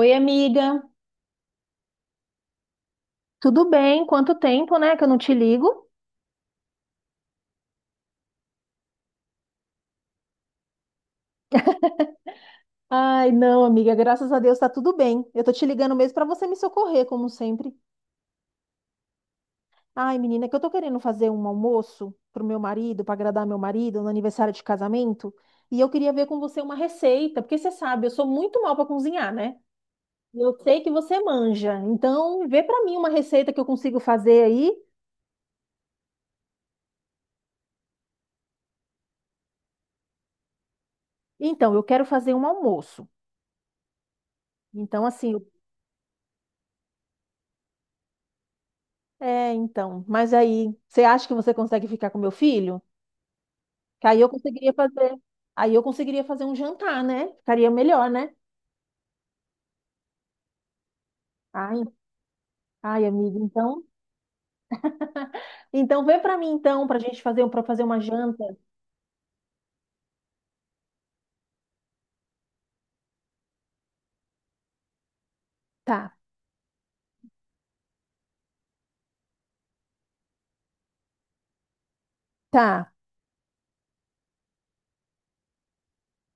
Oi, amiga. Tudo bem? Quanto tempo, né, que eu não te ligo? Ai, não, amiga, graças a Deus tá tudo bem. Eu tô te ligando mesmo pra você me socorrer, como sempre. Ai, menina, é que eu tô querendo fazer um almoço pro meu marido, pra agradar meu marido no aniversário de casamento, e eu queria ver com você uma receita, porque você sabe, eu sou muito mal pra cozinhar, né? E eu sei que você manja. Então, vê pra mim uma receita que eu consigo fazer aí. Então, eu quero fazer um almoço. Então, assim, é, então. Mas aí, você acha que você consegue ficar com meu filho? Que aí eu conseguiria fazer. Aí eu conseguiria fazer um jantar, né? Ficaria melhor, né? Ai, ai, amiga, então. Então vê pra mim então pra gente fazer para fazer uma janta. Tá, tá,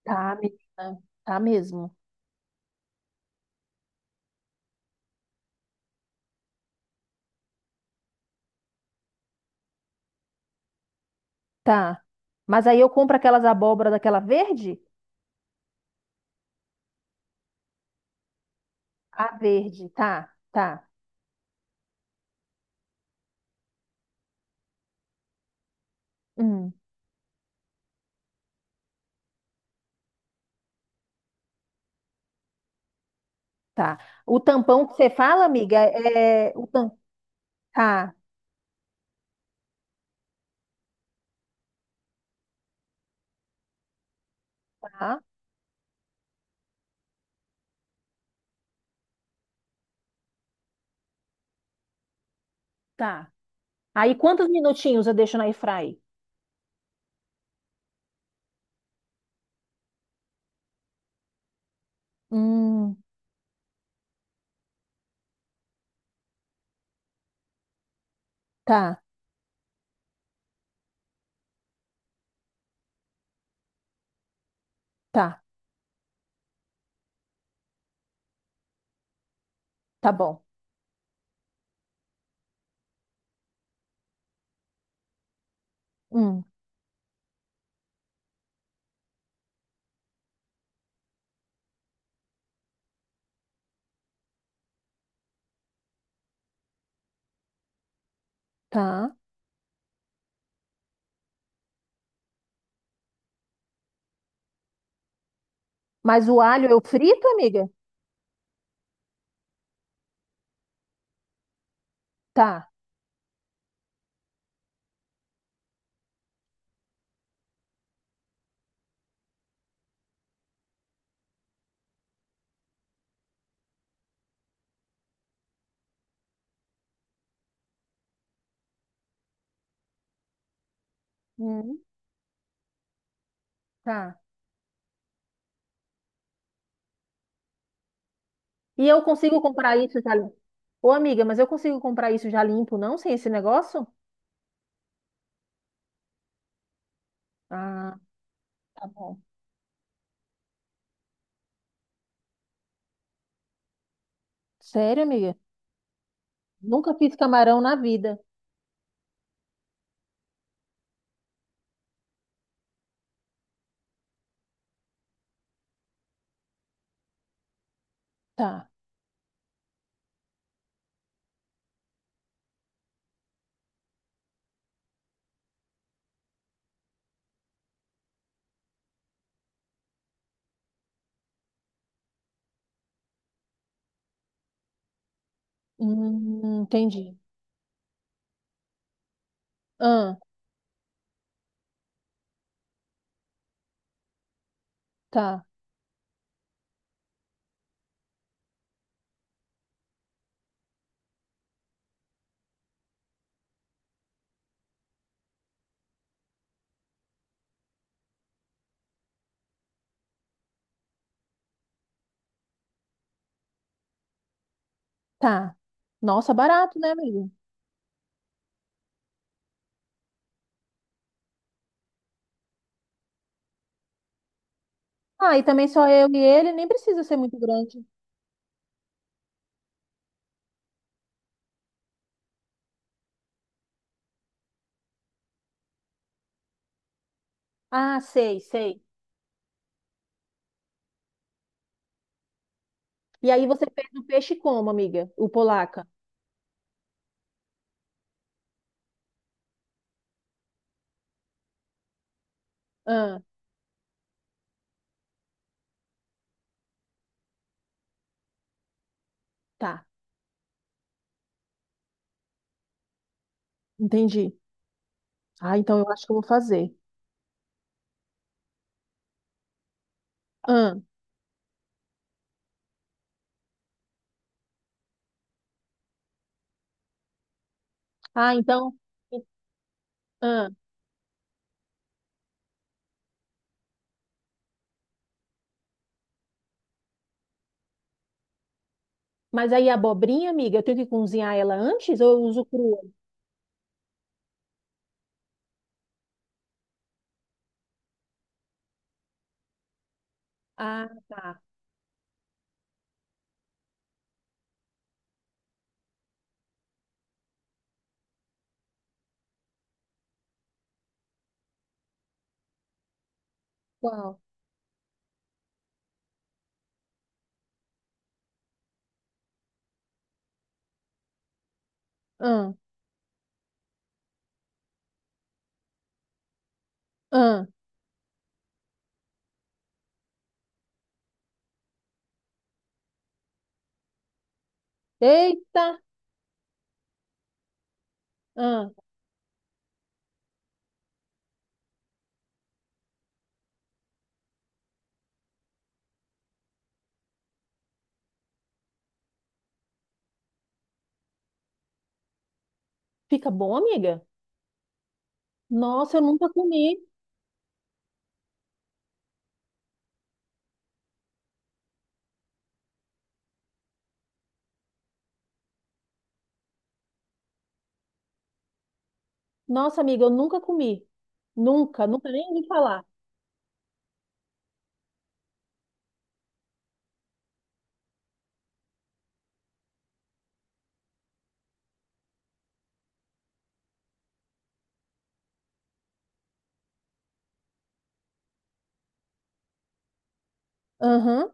tá, menina. Tá mesmo. Tá. Mas aí eu compro aquelas abóbora daquela verde? A verde, tá, tá. Hum, tá. O tampão que você fala, amiga, é o tam... Tá, tá, tá. Aí quantos minutinhos eu deixo na airfry? Hum, tá, tá, tá bom. Hum, tá. Mas o alho eu frito, amiga? Tá. Hum, tá. E eu consigo comprar isso já limpo? Ô, amiga, mas eu consigo comprar isso já limpo, não? Sem esse negócio? Ah, tá bom. Sério, amiga? Nunca fiz camarão na vida. Tá. Entendi. Ah, tá, tá. Nossa, barato, né, amiga? Ah, e também só eu e ele, nem precisa ser muito grande. Ah, sei, sei. E aí você fez o peixe como, amiga? O polaca? Ah, tá, entendi. Ah, então eu acho que eu vou fazer. Ah, ah, então. e- Ah, mas aí a abobrinha, amiga, eu tenho que cozinhar ela antes ou eu uso crua? Ah, tá. Qual? Ah, ah. Eita! Ah, fica bom, amiga? Nossa, eu nunca comi. Nossa, amiga, eu nunca comi. Nunca, nunca nem ouvi falar. Aham.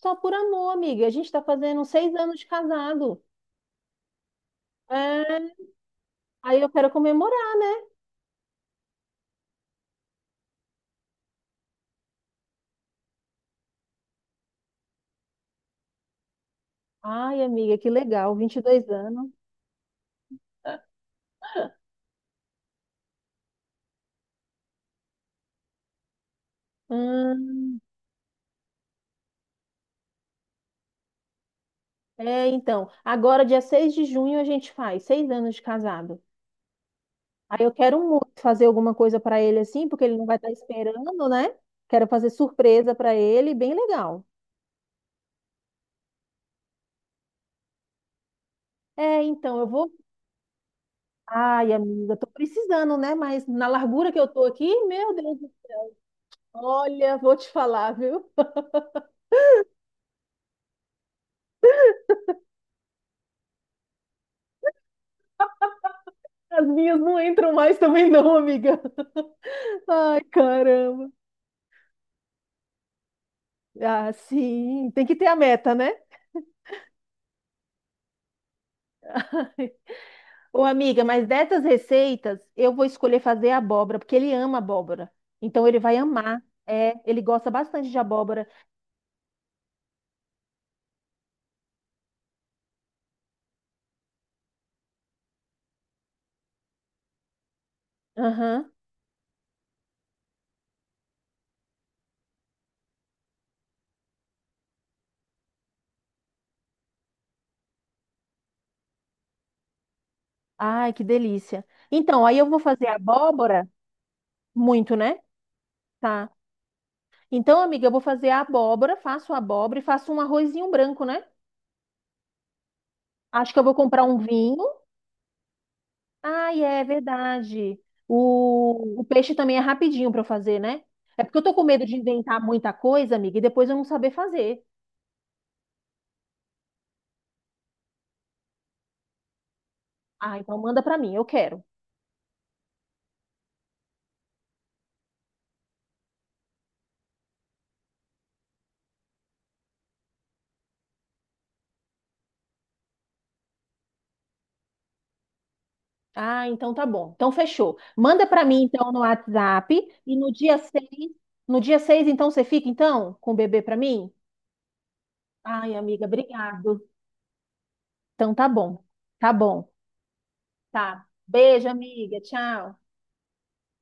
Só por amor, amiga. A gente tá fazendo 6 anos de casado. É, aí eu quero comemorar. Ai, amiga, que legal, 22 anos. Hum, é, então, agora dia 6 de junho a gente faz 6 anos de casado. Aí eu quero muito fazer alguma coisa para ele assim, porque ele não vai estar esperando, né? Quero fazer surpresa para ele, bem legal. É, então, eu vou. Ai, amiga, tô precisando, né? Mas na largura que eu tô aqui, meu Deus, olha, vou te falar, viu? As minhas não entram mais também, não, amiga. Ai, caramba. Ah, sim, tem que ter a meta, né? Ô, amiga, mas dessas receitas, eu vou escolher fazer abóbora, porque ele ama abóbora. Então ele vai amar. É, ele gosta bastante de abóbora. Aham. Ai, que delícia. Então, aí eu vou fazer abóbora, muito, né? Tá. Então, amiga, eu vou fazer a abóbora, faço a abóbora e faço um arrozinho branco, né? Acho que eu vou comprar um vinho. Ai, é verdade. O peixe também é rapidinho para eu fazer, né? É porque eu tô com medo de inventar muita coisa, amiga, e depois eu não saber fazer. Ah, então manda para mim, eu quero. Ah, então tá bom. Então fechou. Manda pra mim então no WhatsApp e no dia 6, no dia 6 então você fica então com o bebê pra mim? Ai, amiga, obrigado. Então tá bom. Tá bom. Tá. Beijo, amiga. Tchau.